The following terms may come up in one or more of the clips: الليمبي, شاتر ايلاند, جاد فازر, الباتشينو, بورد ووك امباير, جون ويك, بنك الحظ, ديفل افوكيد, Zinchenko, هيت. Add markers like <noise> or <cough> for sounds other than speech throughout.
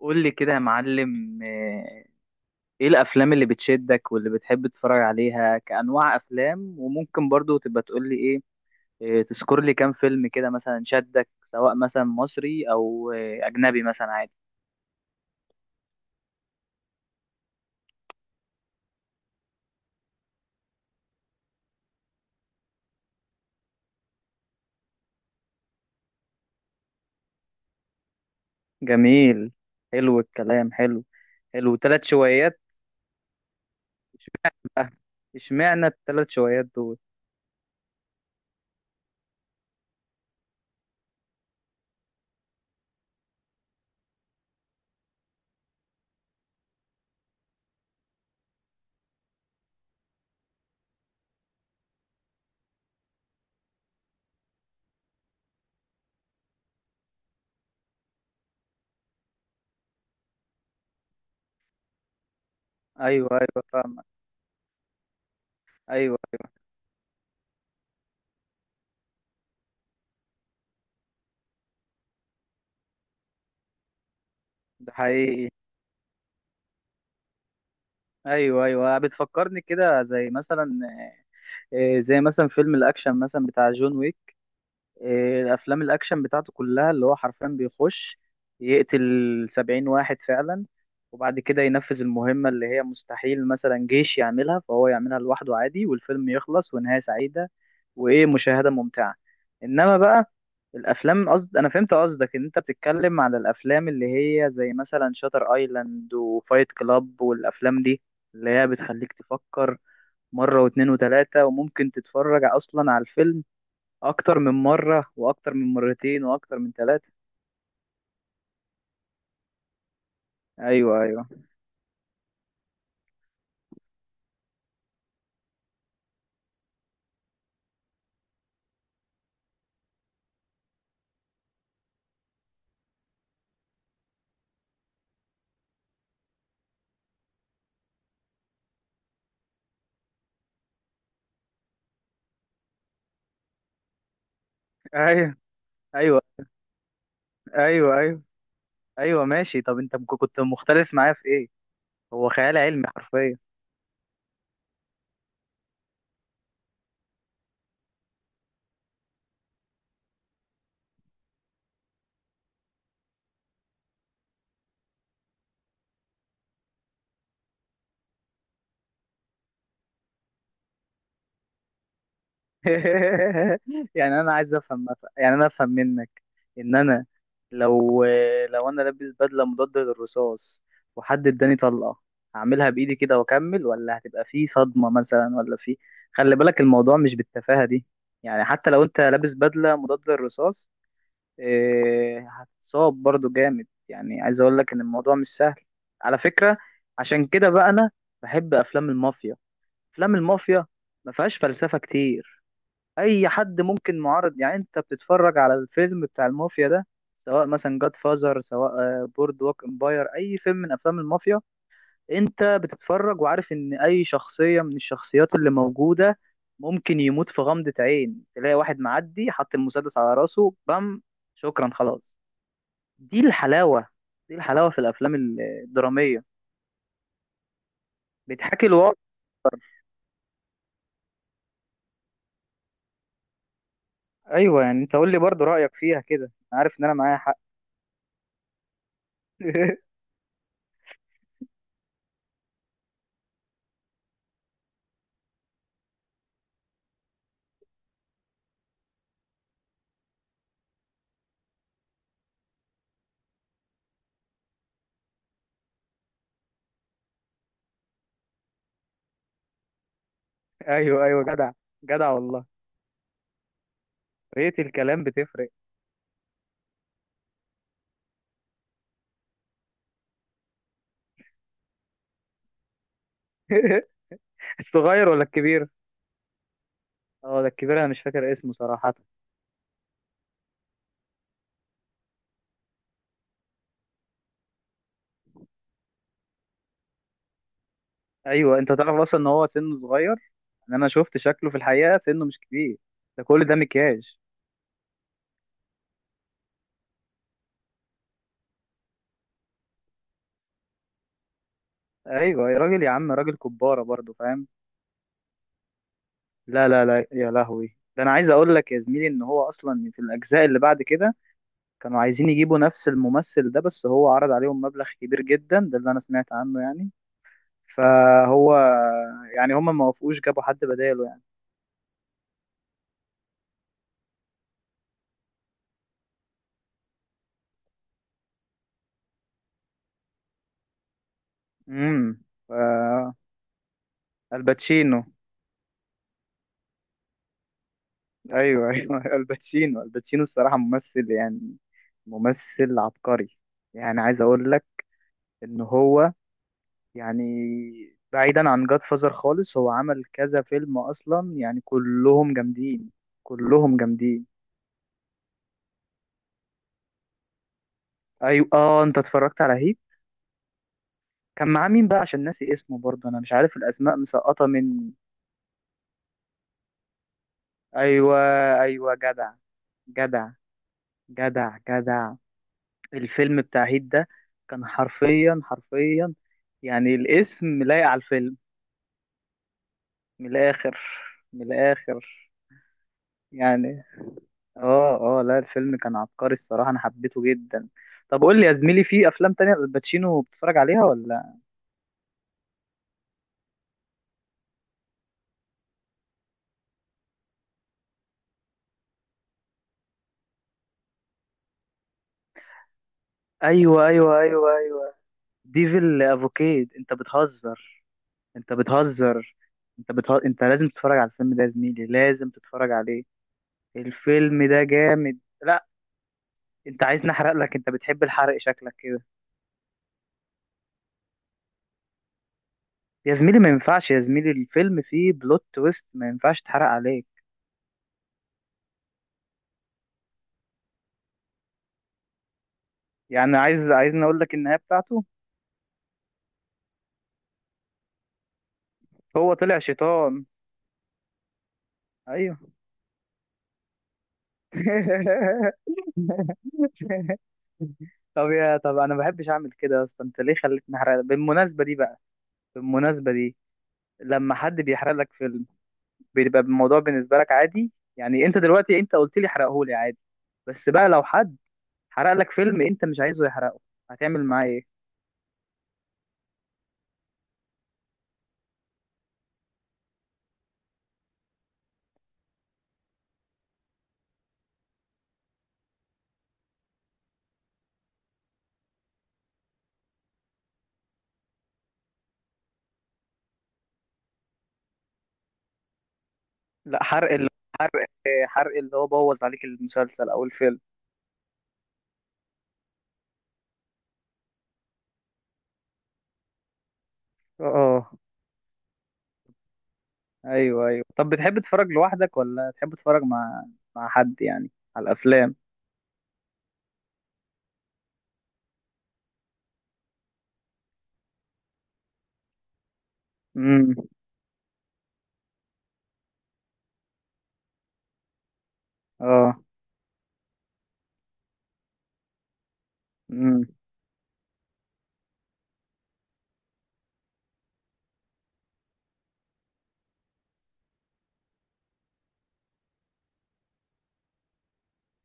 قول لي كده يا معلم ايه الافلام اللي بتشدك واللي بتحب تتفرج عليها كانواع افلام، وممكن برضو تبقى تقول لي ايه. تذكر لي كام فيلم كده، مثلا شدك سواء مثلا مصري او اجنبي، مثلا عادي. جميل. حلو الكلام. حلو. حلو، ثلاث شويات. اشمعنى الثلاث شويات دول؟ ايوه ايوه، فاهمك. ايوه ايوه. ده حقيقي. ايوه ايوه، بتفكرني كده، زي مثلا زي مثلا فيلم الاكشن مثلا بتاع جون ويك. الافلام الاكشن بتاعته كلها، اللي هو حرفيا بيخش يقتل 70 واحد فعلا، وبعد كده ينفذ المهمة اللي هي مستحيل مثلا جيش يعملها، فهو يعملها لوحده عادي، والفيلم يخلص ونهاية سعيدة وايه، مشاهدة ممتعة. انما بقى الافلام، قصد انا فهمت قصدك ان انت بتتكلم على الافلام اللي هي زي مثلا شاتر ايلاند وفايت كلاب والافلام دي، اللي هي بتخليك تفكر مرة واتنين وتلاتة، وممكن تتفرج اصلا على الفيلم اكتر من مره واكتر من مرتين واكتر من ثلاثه. ايوه ايوه ايوه ايوه. ايوه ايوه. ايوه، ماشي. طب انت كنت مختلف معايا في ايه؟ هو خيال علمي حرفيا. <laughs> يعني انا عايز افهم، يعني انا افهم منك ان انا، لو، لو انا لابس بدله مضاده للرصاص، وحد اداني طلقه، هعملها بايدي كده واكمل، ولا هتبقى في صدمه مثلا، ولا في؟ خلي بالك الموضوع مش بالتفاهه دي. يعني حتى لو انت لابس بدله مضاده للرصاص، هتتصاب برضو جامد. يعني عايز اقول لك ان الموضوع مش سهل على فكرة. عشان كده بقى انا بحب افلام المافيا. افلام المافيا ما فيهاش فلسفة كتير، اي حد ممكن معارض. يعني انت بتتفرج على الفيلم بتاع المافيا ده، سواء مثلا جاد فازر، سواء بورد ووك امباير، اي فيلم من افلام المافيا، انت بتتفرج وعارف ان اي شخصية من الشخصيات اللي موجودة ممكن يموت في غمضة عين. تلاقي واحد معدي حط المسدس على راسه، بام، شكرا خلاص. دي الحلاوة، دي الحلاوة في الأفلام الدرامية، بتحكي الواقع. أيوة، يعني أنت قول لي برضو رأيك فيها كده. أنا عارف إن أنا معايا حق. <laughs> أيوة أيوة، جدع. جدع والله. طريقة الكلام بتفرق. <laughs> الصغير ولا الكبير؟ اه ده الكبير، أنا مش فاكر اسمه صراحة. أيوة، أنت تعرف أصلا إن هو سنه صغير، إن أنا شفت شكله في الحقيقة سنه مش كبير، ده كل ده مكياج. أيوة يا راجل، يا عم راجل كبارة برضو، فاهم. لا لا لا يا لهوي، ده أنا عايز أقول لك يا زميلي إن هو أصلا في الأجزاء اللي بعد كده، كانوا عايزين يجيبوا نفس الممثل ده، بس هو عرض عليهم مبلغ كبير جدا، ده اللي انا سمعت عنه يعني. فهو، يعني، هم ما وافقوش، جابوا حد بداله يعني. امم ف- الباتشينو. ايوه ايوه. <laughs> الباتشينو، الباتشينو الصراحه ممثل، يعني ممثل عبقري. يعني عايز اقول لك ان هو، يعني بعيدا عن جاد فازر خالص، هو عمل كذا فيلم اصلا، يعني كلهم جامدين، كلهم جامدين. ايوه. اه، انت اتفرجت على هيت؟ كان معاه مين بقى؟ عشان ناسي اسمه برضه، انا مش عارف الاسماء مسقطه مني. ايوه ايوه، جدع. جدع جدع جدع. الفيلم بتاع هيت ده كان حرفيا حرفيا، يعني الاسم لايق على الفيلم، من الاخر، من الاخر. يعني اه اه، لا الفيلم كان عبقري الصراحه، انا حبيته جدا. طب قول لي يا زميلي، في افلام تانية الباتشينو بتتفرج عليها ولا؟ ايوه ايوه ايوه ايوه. ديفل افوكيد؟ انت بتهزر، انت بتهزر، انت بتهزر. انت لازم تتفرج على الفيلم ده يا زميلي، لازم تتفرج عليه. الفيلم ده جامد. لا، انت عايز نحرق لك؟ انت بتحب الحرق شكلك كده. يا زميلي ما ينفعش، يا زميلي الفيلم فيه بلوت تويست، ما ينفعش تحرق عليك. يعني عايز اقول لك النهاية بتاعته، هو طلع شيطان. ايوه. <laughs> طب يا، طب انا ما بحبش اعمل كده يا اسطى، انت ليه خليتني احرق بالمناسبة دي بقى، بالمناسبة دي؟ لما حد بيحرق لك فيلم، بيبقى الموضوع بالنسبه لك عادي؟ يعني انت دلوقتي انت قلت لي حرقهولي عادي، بس بقى لو حد حرق لك فيلم انت مش عايزه يحرقه، هتعمل معاه ايه؟ لا حرق، اللي، حرق، حرق اللي هو بوظ عليك المسلسل او الفيلم. اه. ايوه ايوه. طب بتحب تتفرج لوحدك، ولا تحب تتفرج مع، مع حد يعني، على الافلام؟ امم. اه. امم.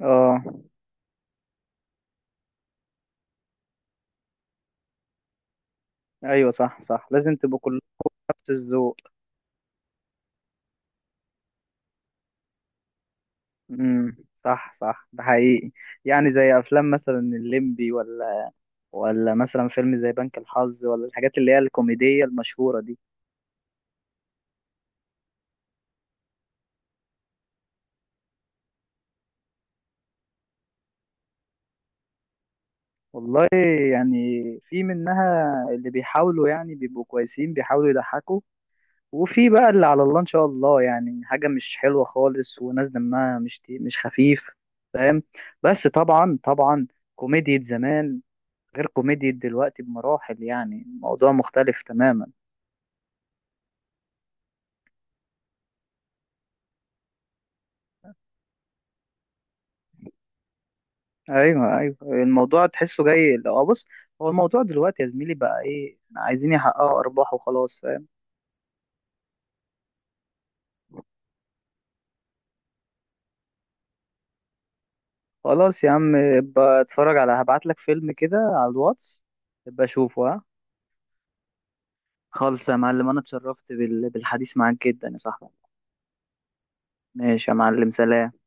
اه. ايوه صح صح، لازم تبقوا كلكم نفس الذوق. امم. صح صح، ده حقيقي. يعني زي افلام مثلا الليمبي، ولا ولا مثلا فيلم زي بنك الحظ، ولا الحاجات اللي هي الكوميدية المشهورة دي. والله، يعني في منها اللي بيحاولوا، يعني بيبقوا كويسين، بيحاولوا يضحكوا، وفي بقى اللي على الله إن شاء الله، يعني حاجة مش حلوة خالص، وناس دمها مش خفيف، فاهم. بس طبعا طبعا، كوميديا زمان غير كوميديا دلوقتي بمراحل، يعني الموضوع مختلف تماما. ايوه ايوه، الموضوع تحسه جاي، لو بص، هو الموضوع دلوقتي يا زميلي بقى ايه، عايزين يحققوا ارباح وخلاص. خلاص يا عم، ابقى اتفرج على، هبعت لك فيلم كده على الواتس، ابقى اشوفه ها. خالص يا معلم، انا اتشرفت بالحديث معاك جدا يا صاحبي. ماشي يا معلم، سلام.